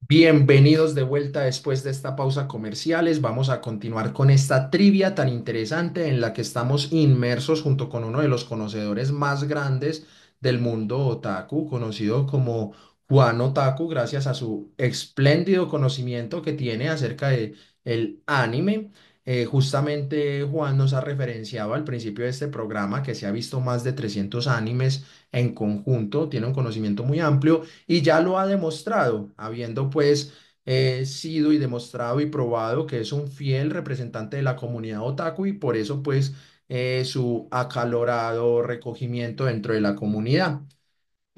Bienvenidos de vuelta después de esta pausa comerciales. Vamos a continuar con esta trivia tan interesante en la que estamos inmersos junto con uno de los conocedores más grandes del mundo otaku, conocido como Juan Otaku, gracias a su espléndido conocimiento que tiene acerca de el anime. Justamente Juan nos ha referenciado al principio de este programa que se ha visto más de 300 animes en conjunto, tiene un conocimiento muy amplio y ya lo ha demostrado, habiendo pues sido y demostrado y probado que es un fiel representante de la comunidad otaku y por eso pues su acalorado recogimiento dentro de la comunidad.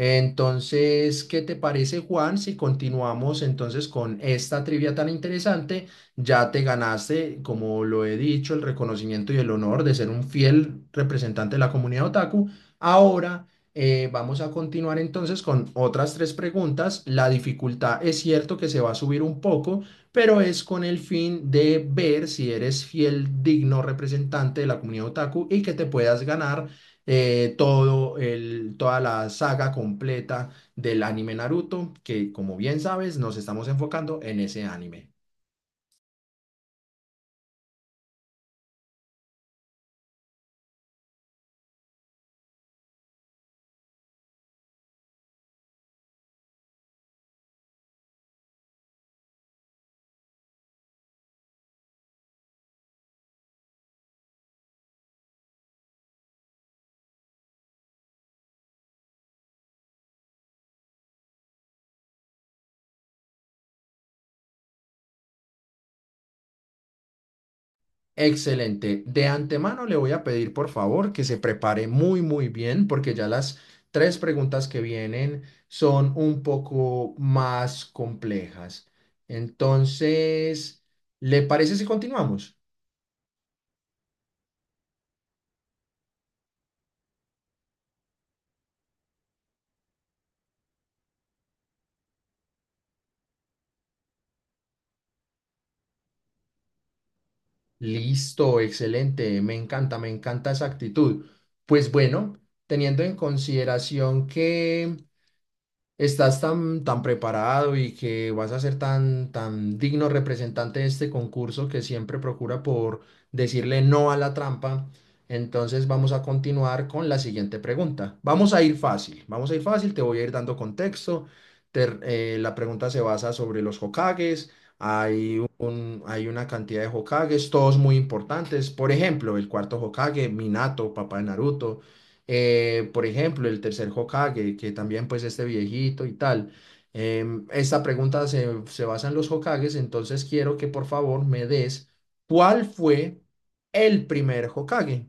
Entonces, ¿qué te parece, Juan? Si continuamos entonces con esta trivia tan interesante, ya te ganaste, como lo he dicho, el reconocimiento y el honor de ser un fiel representante de la comunidad otaku. Ahora vamos a continuar entonces con otras tres preguntas. La dificultad es cierto que se va a subir un poco, pero es con el fin de ver si eres fiel, digno representante de la comunidad otaku y que te puedas ganar toda la saga completa del anime Naruto, que como bien sabes, nos estamos enfocando en ese anime. Excelente. De antemano le voy a pedir por favor que se prepare muy muy bien porque ya las tres preguntas que vienen son un poco más complejas. Entonces, ¿le parece si continuamos? Listo, excelente, me encanta esa actitud. Pues bueno, teniendo en consideración que estás tan, tan preparado y que vas a ser tan, tan digno representante de este concurso que siempre procura por decirle no a la trampa. Entonces vamos a continuar con la siguiente pregunta. Vamos a ir fácil, vamos a ir fácil, te voy a ir dando contexto. Te- la pregunta se basa sobre los Hokages. Hay una cantidad de Hokages, todos muy importantes. Por ejemplo, el cuarto Hokage, Minato, papá de Naruto. Por ejemplo, el tercer Hokage, que también pues este viejito y tal. Esta pregunta se basa en los Hokages, entonces quiero que por favor me des cuál fue el primer Hokage.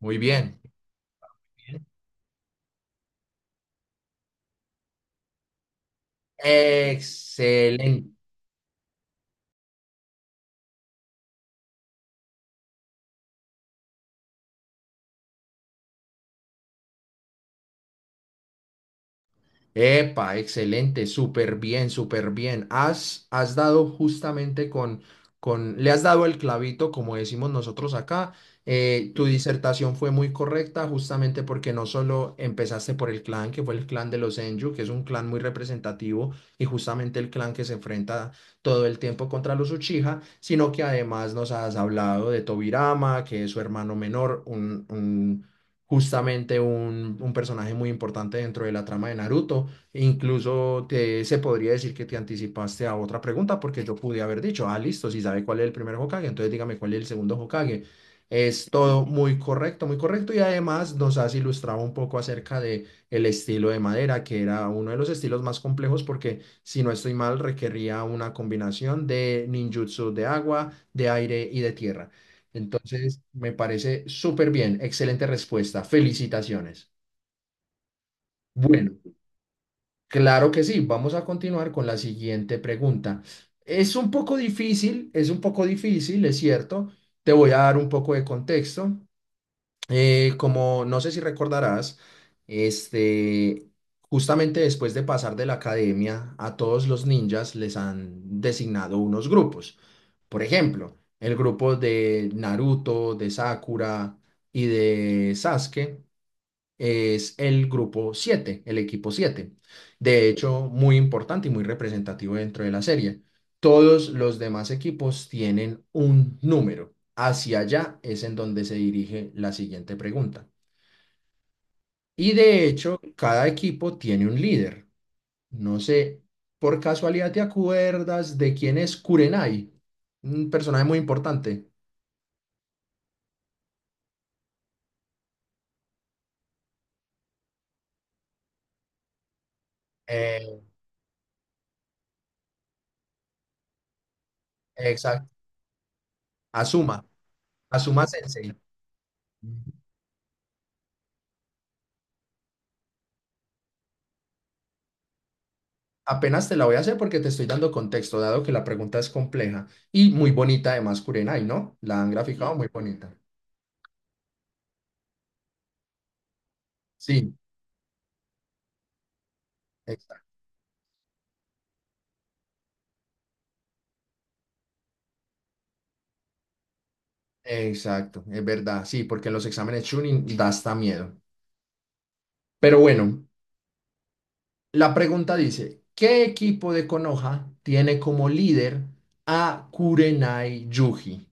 Muy bien. Bien. Excelente. Epa, excelente, súper bien, súper bien. Has, has dado justamente con, le has dado el clavito, como decimos nosotros acá. Tu disertación fue muy correcta, justamente porque no solo empezaste por el clan, que fue el clan de los Enju, que es un clan muy representativo y justamente el clan que se enfrenta todo el tiempo contra los Uchiha, sino que además nos has hablado de Tobirama, que es su hermano menor, justamente un personaje muy importante dentro de la trama de Naruto. E incluso se podría decir que te anticipaste a otra pregunta porque yo pude haber dicho, ah, listo, si sabe cuál es el primer Hokage, entonces dígame cuál es el segundo Hokage. Es todo muy correcto y además nos has ilustrado un poco acerca de el estilo de madera, que era uno de los estilos más complejos porque, si no estoy mal, requería una combinación de ninjutsu de agua, de aire y de tierra. Entonces, me parece súper bien, excelente respuesta, felicitaciones. Bueno. Claro que sí, vamos a continuar con la siguiente pregunta. Es un poco difícil, es un poco difícil, es cierto. Te voy a dar un poco de contexto. Como no sé si recordarás, este, justamente después de pasar de la academia, a todos los ninjas les han designado unos grupos. Por ejemplo, el grupo de Naruto, de Sakura y de Sasuke es el grupo 7, el equipo 7. De hecho, muy importante y muy representativo dentro de la serie. Todos los demás equipos tienen un número. Hacia allá es en donde se dirige la siguiente pregunta. Y de hecho, cada equipo tiene un líder. No sé, por casualidad te acuerdas de quién es Kurenai, un personaje muy importante. Eh, exacto, Asuma, Asuma Sensei. Apenas te la voy a hacer porque te estoy dando contexto, dado que la pregunta es compleja y muy bonita además, Kurenai, ¿no? La han graficado. Sí, muy bonita. Sí, exacto, exacto, es verdad, sí, porque en los exámenes Chunin da hasta miedo. Pero bueno, la pregunta dice, ¿qué equipo de Konoha tiene como líder a Kurenai Yuji?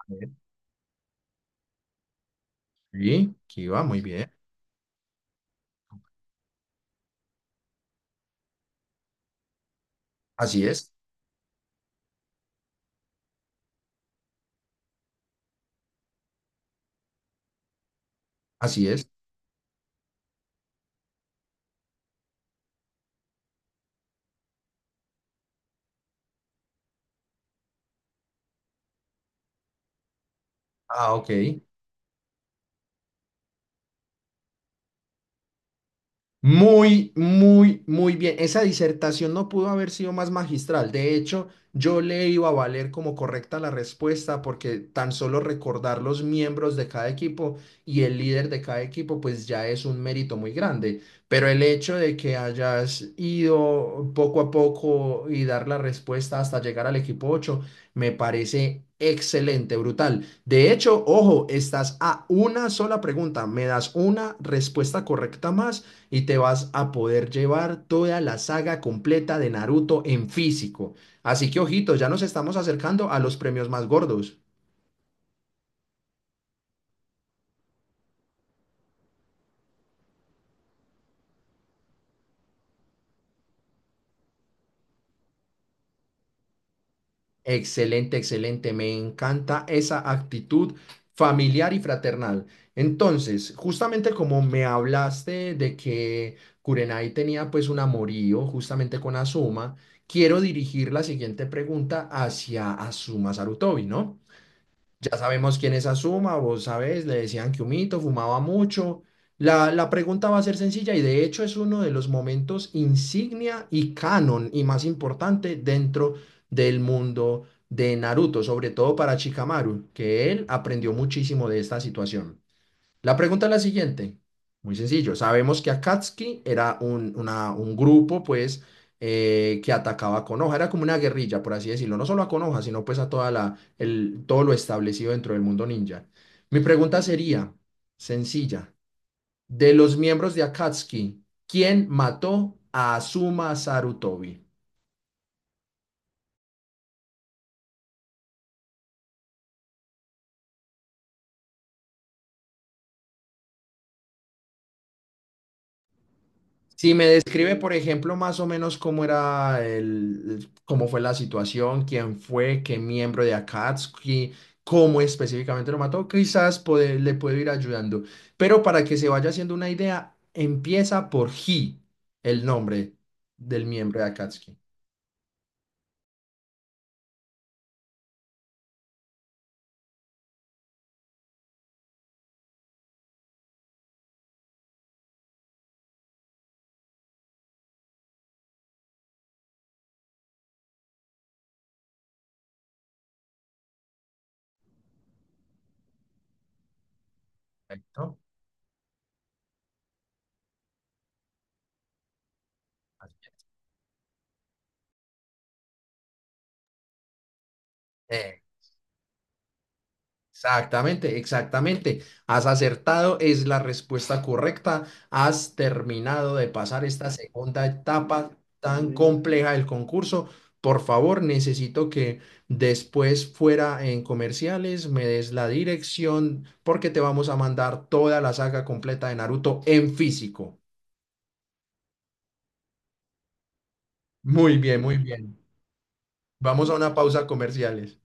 A ver, sí, Kiba, muy bien. Así es, así es. Ah, ok. Muy, muy, muy bien. Esa disertación no pudo haber sido más magistral. De hecho, yo le iba a valer como correcta la respuesta porque tan solo recordar los miembros de cada equipo y el líder de cada equipo, pues ya es un mérito muy grande. Pero el hecho de que hayas ido poco a poco y dar la respuesta hasta llegar al equipo 8, me parece excelente, brutal. De hecho, ojo, estás a una sola pregunta. Me das una respuesta correcta más y te vas a poder llevar toda la saga completa de Naruto en físico. Así que ojito, ya nos estamos acercando a los premios más gordos. Excelente, excelente. Me encanta esa actitud familiar y fraternal. Entonces, justamente como me hablaste de que Kurenai tenía pues un amorío justamente con Asuma, quiero dirigir la siguiente pregunta hacia Asuma Sarutobi, ¿no? Ya sabemos quién es Azuma, vos sabés, le decían que humito, fumaba mucho. La pregunta va a ser sencilla y de hecho es uno de los momentos insignia y canon y más importante dentro del mundo de Naruto, sobre todo para Shikamaru, que él aprendió muchísimo de esta situación. La pregunta es la siguiente, muy sencillo. Sabemos que Akatsuki era un grupo, pues, que atacaba a Konoha, era como una guerrilla, por así decirlo, no solo a Konoha, sino pues a todo lo establecido dentro del mundo ninja. Mi pregunta sería, sencilla, de los miembros de Akatsuki, ¿quién mató a Asuma Sarutobi? Si me describe, por ejemplo, más o menos cómo era cómo fue la situación, quién fue, qué miembro de Akatsuki, cómo específicamente lo mató, quizás le puedo ir ayudando. Pero para que se vaya haciendo una idea, empieza por He, el nombre del miembro de Akatsuki. Perfecto. Exactamente, exactamente. Has acertado, es la respuesta correcta. Has terminado de pasar esta segunda etapa tan compleja del concurso. Por favor, necesito que después fuera en comerciales me des la dirección porque te vamos a mandar toda la saga completa de Naruto en físico. Muy bien, muy bien. Vamos a una pausa comerciales.